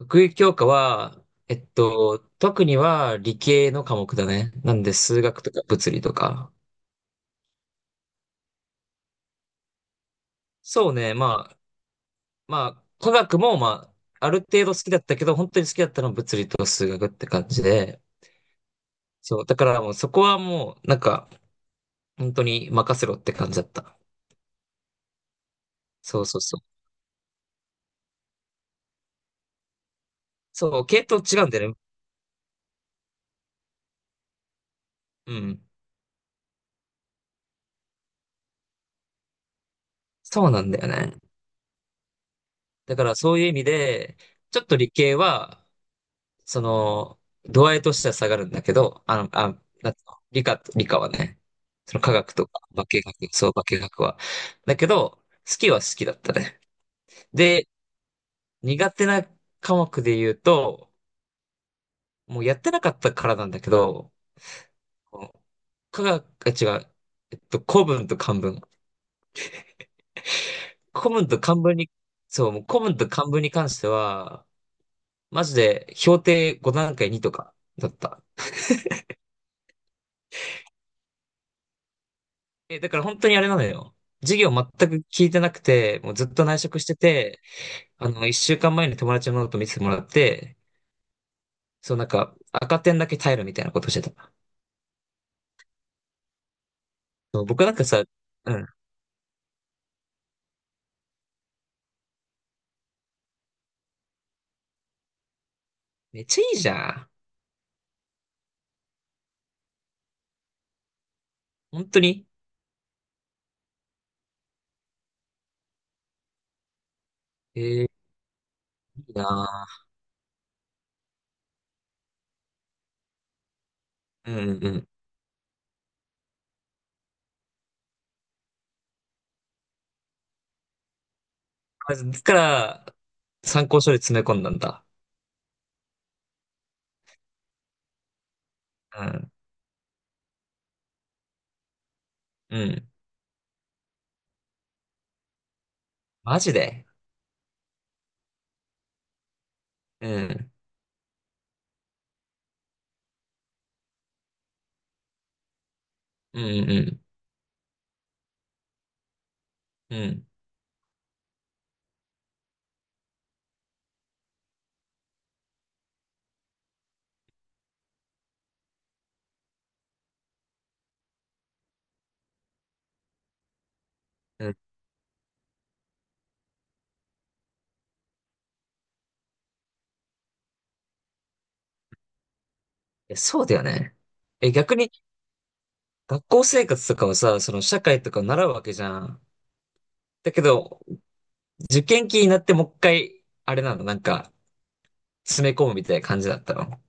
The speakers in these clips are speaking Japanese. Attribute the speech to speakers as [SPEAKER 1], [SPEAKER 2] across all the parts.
[SPEAKER 1] 学位教科は、特には理系の科目だね。なんで数学とか物理とか。そうね、まあ、科学もまあ、ある程度好きだったけど、本当に好きだったのは物理と数学って感じで、そう、だからもうそこはもう、なんか、本当に任せろって感じだった。そうそうそう。そう、系統違うんだよね。うん。そうなんだよね。だからそういう意味で、ちょっと理系は、その、度合いとしては下がるんだけど、なんつうの理科はね、その科学とか、化学、そう、化学は。だけど、好きは好きだったね。で、苦手な科目で言うと、もうやってなかったからなんだけど、この科学、あ違う、古文と漢文。古文と漢文に、そう、もう古文と漢文に関しては、マジで評定5段階2とかだった。え、だから本当にあれなのよ。授業全く聞いてなくて、もうずっと内職してて、一週間前に友達のノート見せてもらって、そうなんか赤点だけ耐えるみたいなことしてた。そう僕なんかさ、うん、めっちゃいいじゃん。本当に。いいなぁ。うんうんうん。まずだから、参考書で詰め込んだんだ。うん、うん。マジで。うん、うん、うん、うん、うん。うん、いや、そうだよね。え、逆に学校生活とかはさ、その社会とか習うわけじゃん。だけど、受験期になってもう一回、あれなの、なんか、詰め込むみたいな感じだったの。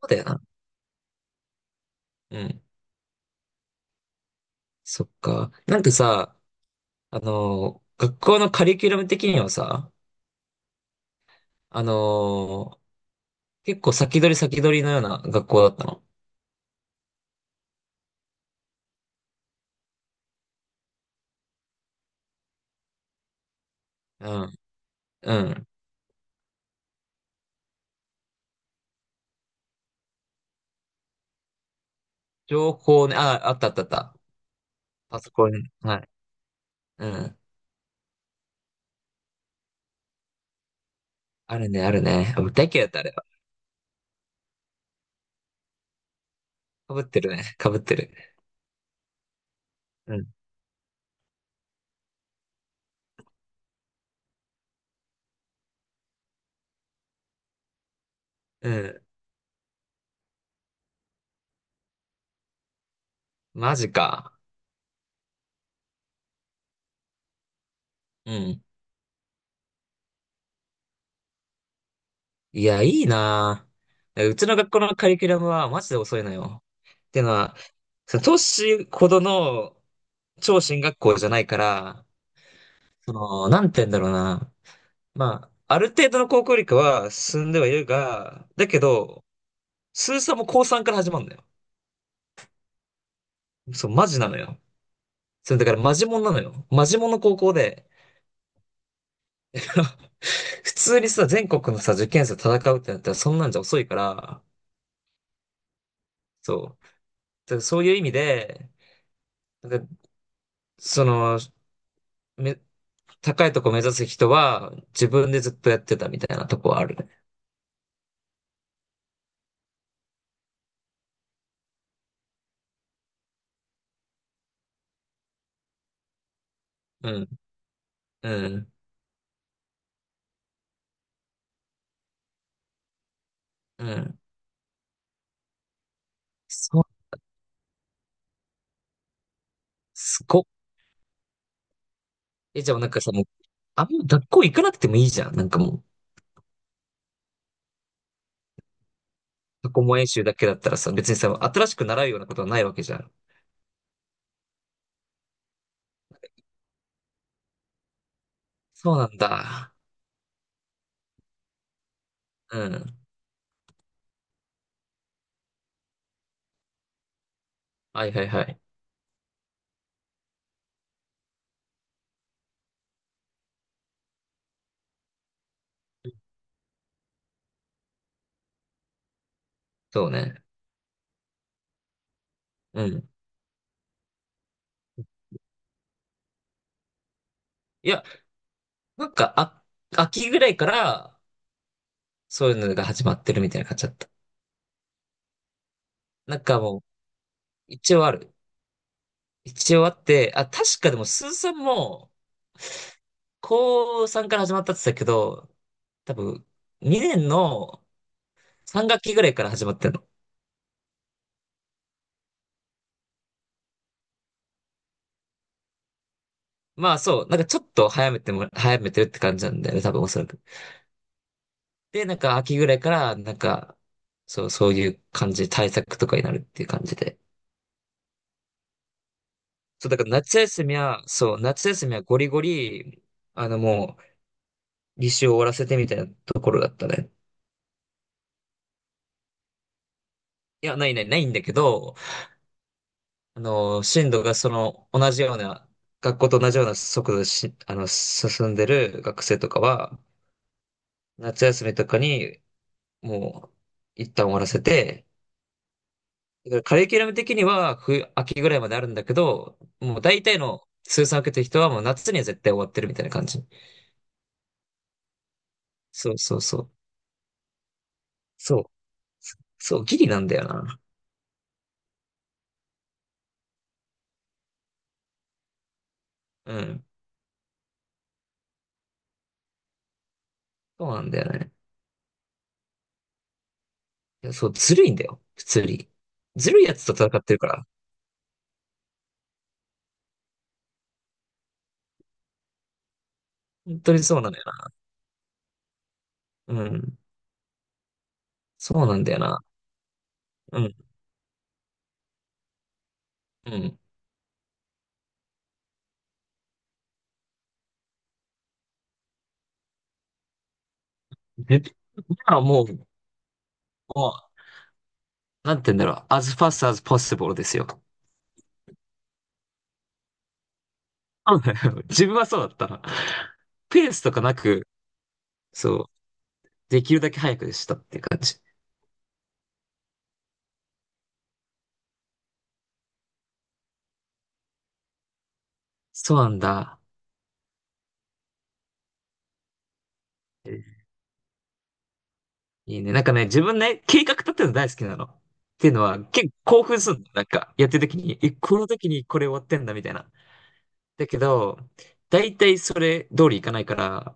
[SPEAKER 1] そうだよな。うん。そっか。なんかさ、学校のカリキュラム的にはさ、あのー、結構先取り先取りのような学校だったの。うん。うん。情報ね、あ、あったあったあった。パソコン、はい。うん。あるね、あるね。あ、大嫌いだった、あれは。かぶってるね。かぶってる。うん。うん。マジか。うん。いや、いいなぁ。うちの学校のカリキュラムはマジで遅いのよ。ってのは、その都市ほどの超進学校じゃないから、その、なんて言うんだろうな。まあ、ある程度の高校理科は進んではいるが、だけど、数三も高3から始まるのよ。そう、マジなのよ。それだからマジモンなのよ。マジモンの高校で、普通にさ、全国のさ、受験生と戦うってなったらそんなんじゃ遅いから、そう。だからそういう意味で、なんかその、め、高いとこ目指す人は、自分でずっとやってたみたいなとこはあるね。うん、うん、うん。そう、すごっ。え、じゃあなんかさ、もう、あんま学校行かなくてもいいじゃん。なんかもう、過去問演習だけだったらさ、別にさ、新しく習うようなことはないわけじゃん。そうなんだ。うん。はいはいはい。そうね。うん。いや、なんか、あ、秋ぐらいから、そういうのが始まってるみたいな感じだった。なんかもう、一応ある。一応あって、あ、確かでも、スーさんも、高3から始まったって言ってたけど、多分、2年の3学期ぐらいから始まってんの。まあそう、なんかちょっと早めてるって感じなんだよね、多分おそらく。で、なんか秋ぐらいから、なんか、そう、そういう感じ、対策とかになるっていう感じで。そう、だから夏休みは、そう、夏休みはゴリゴリ、もう、履修を終わらせてみたいなところだったね。いや、ないない、ないんだけど、進路がその同じような、学校と同じような速度でし、あの、進んでる学生とかは、夏休みとかにもう一旦終わらせて、だからカリキュラム的には冬、秋ぐらいまであるんだけど、もう大体の通算を受けてる人はもう夏には絶対終わってるみたいな感じ。そうそうそう。そう。そう、ギリなんだよな。うん。そうなんだよね。いや、そう、ずるいんだよ。普通に。ずるいやつと戦ってるから。本当にそうなのよな。うん。そうなんだよな。うん、うん。で、今はもう、もなんて言うんだろう。as fast as possible ですよ。そうだよ、自分はそうだった。ペースとかなく、そう、できるだけ早くでしたっていう感じ。そうなんだ。えーいいね。なんかね、自分ね、計画立てるの大好きなの。っていうのは、結構興奮するの。なんか、やってる時に、え、この時にこれ終わってんだ、みたいな。だけど、大体それ通りいかないから、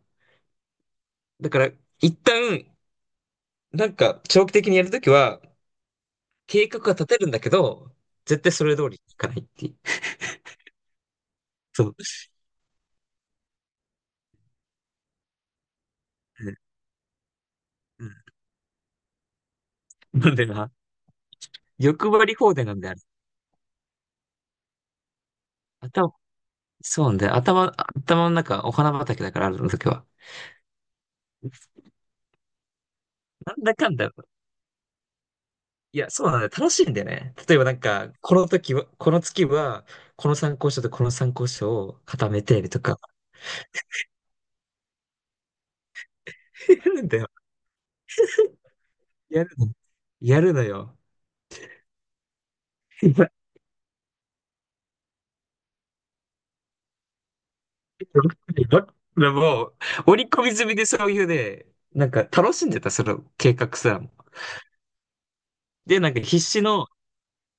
[SPEAKER 1] だから、一旦、なんか、長期的にやるときは、計画は立てるんだけど、絶対それ通りにいかないっていう。そう。うん。なんでな、欲張り放題なんである。頭、そうなんだよ。頭の中、お花畑だから、あるの時は。なんだかんだ。いや、そうなんだよ。楽しいんだよね。例えばなんか、この時は、この月は、この参考書とこの参考書を固めてとか、やるんだよ。やるの。やるのよ。いやでも、織り込み済みでそういうね、なんか楽しんでた、その計画さ。で、なんか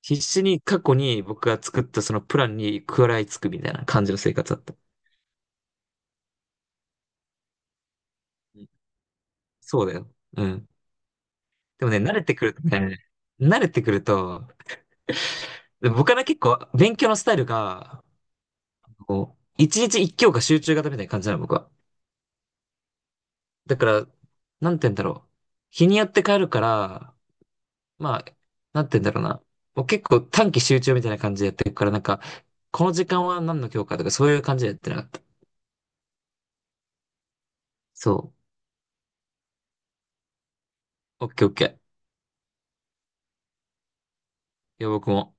[SPEAKER 1] 必死に過去に僕が作ったそのプランに食らいつくみたいな感じの生活だった。そうだよ。うん。でもね、慣れてくると、で僕はね、結構勉強のスタイルが、こう、一日一教科集中型みたいな感じなの、僕は。だから、なんて言うんだろう。日によって変えるから、まあ、なんて言うんだろうな。もう結構短期集中みたいな感じでやってるから、なんか、この時間は何の教科とかそういう感じでやってなかった。そう。オッケーオッケー。いや、僕も。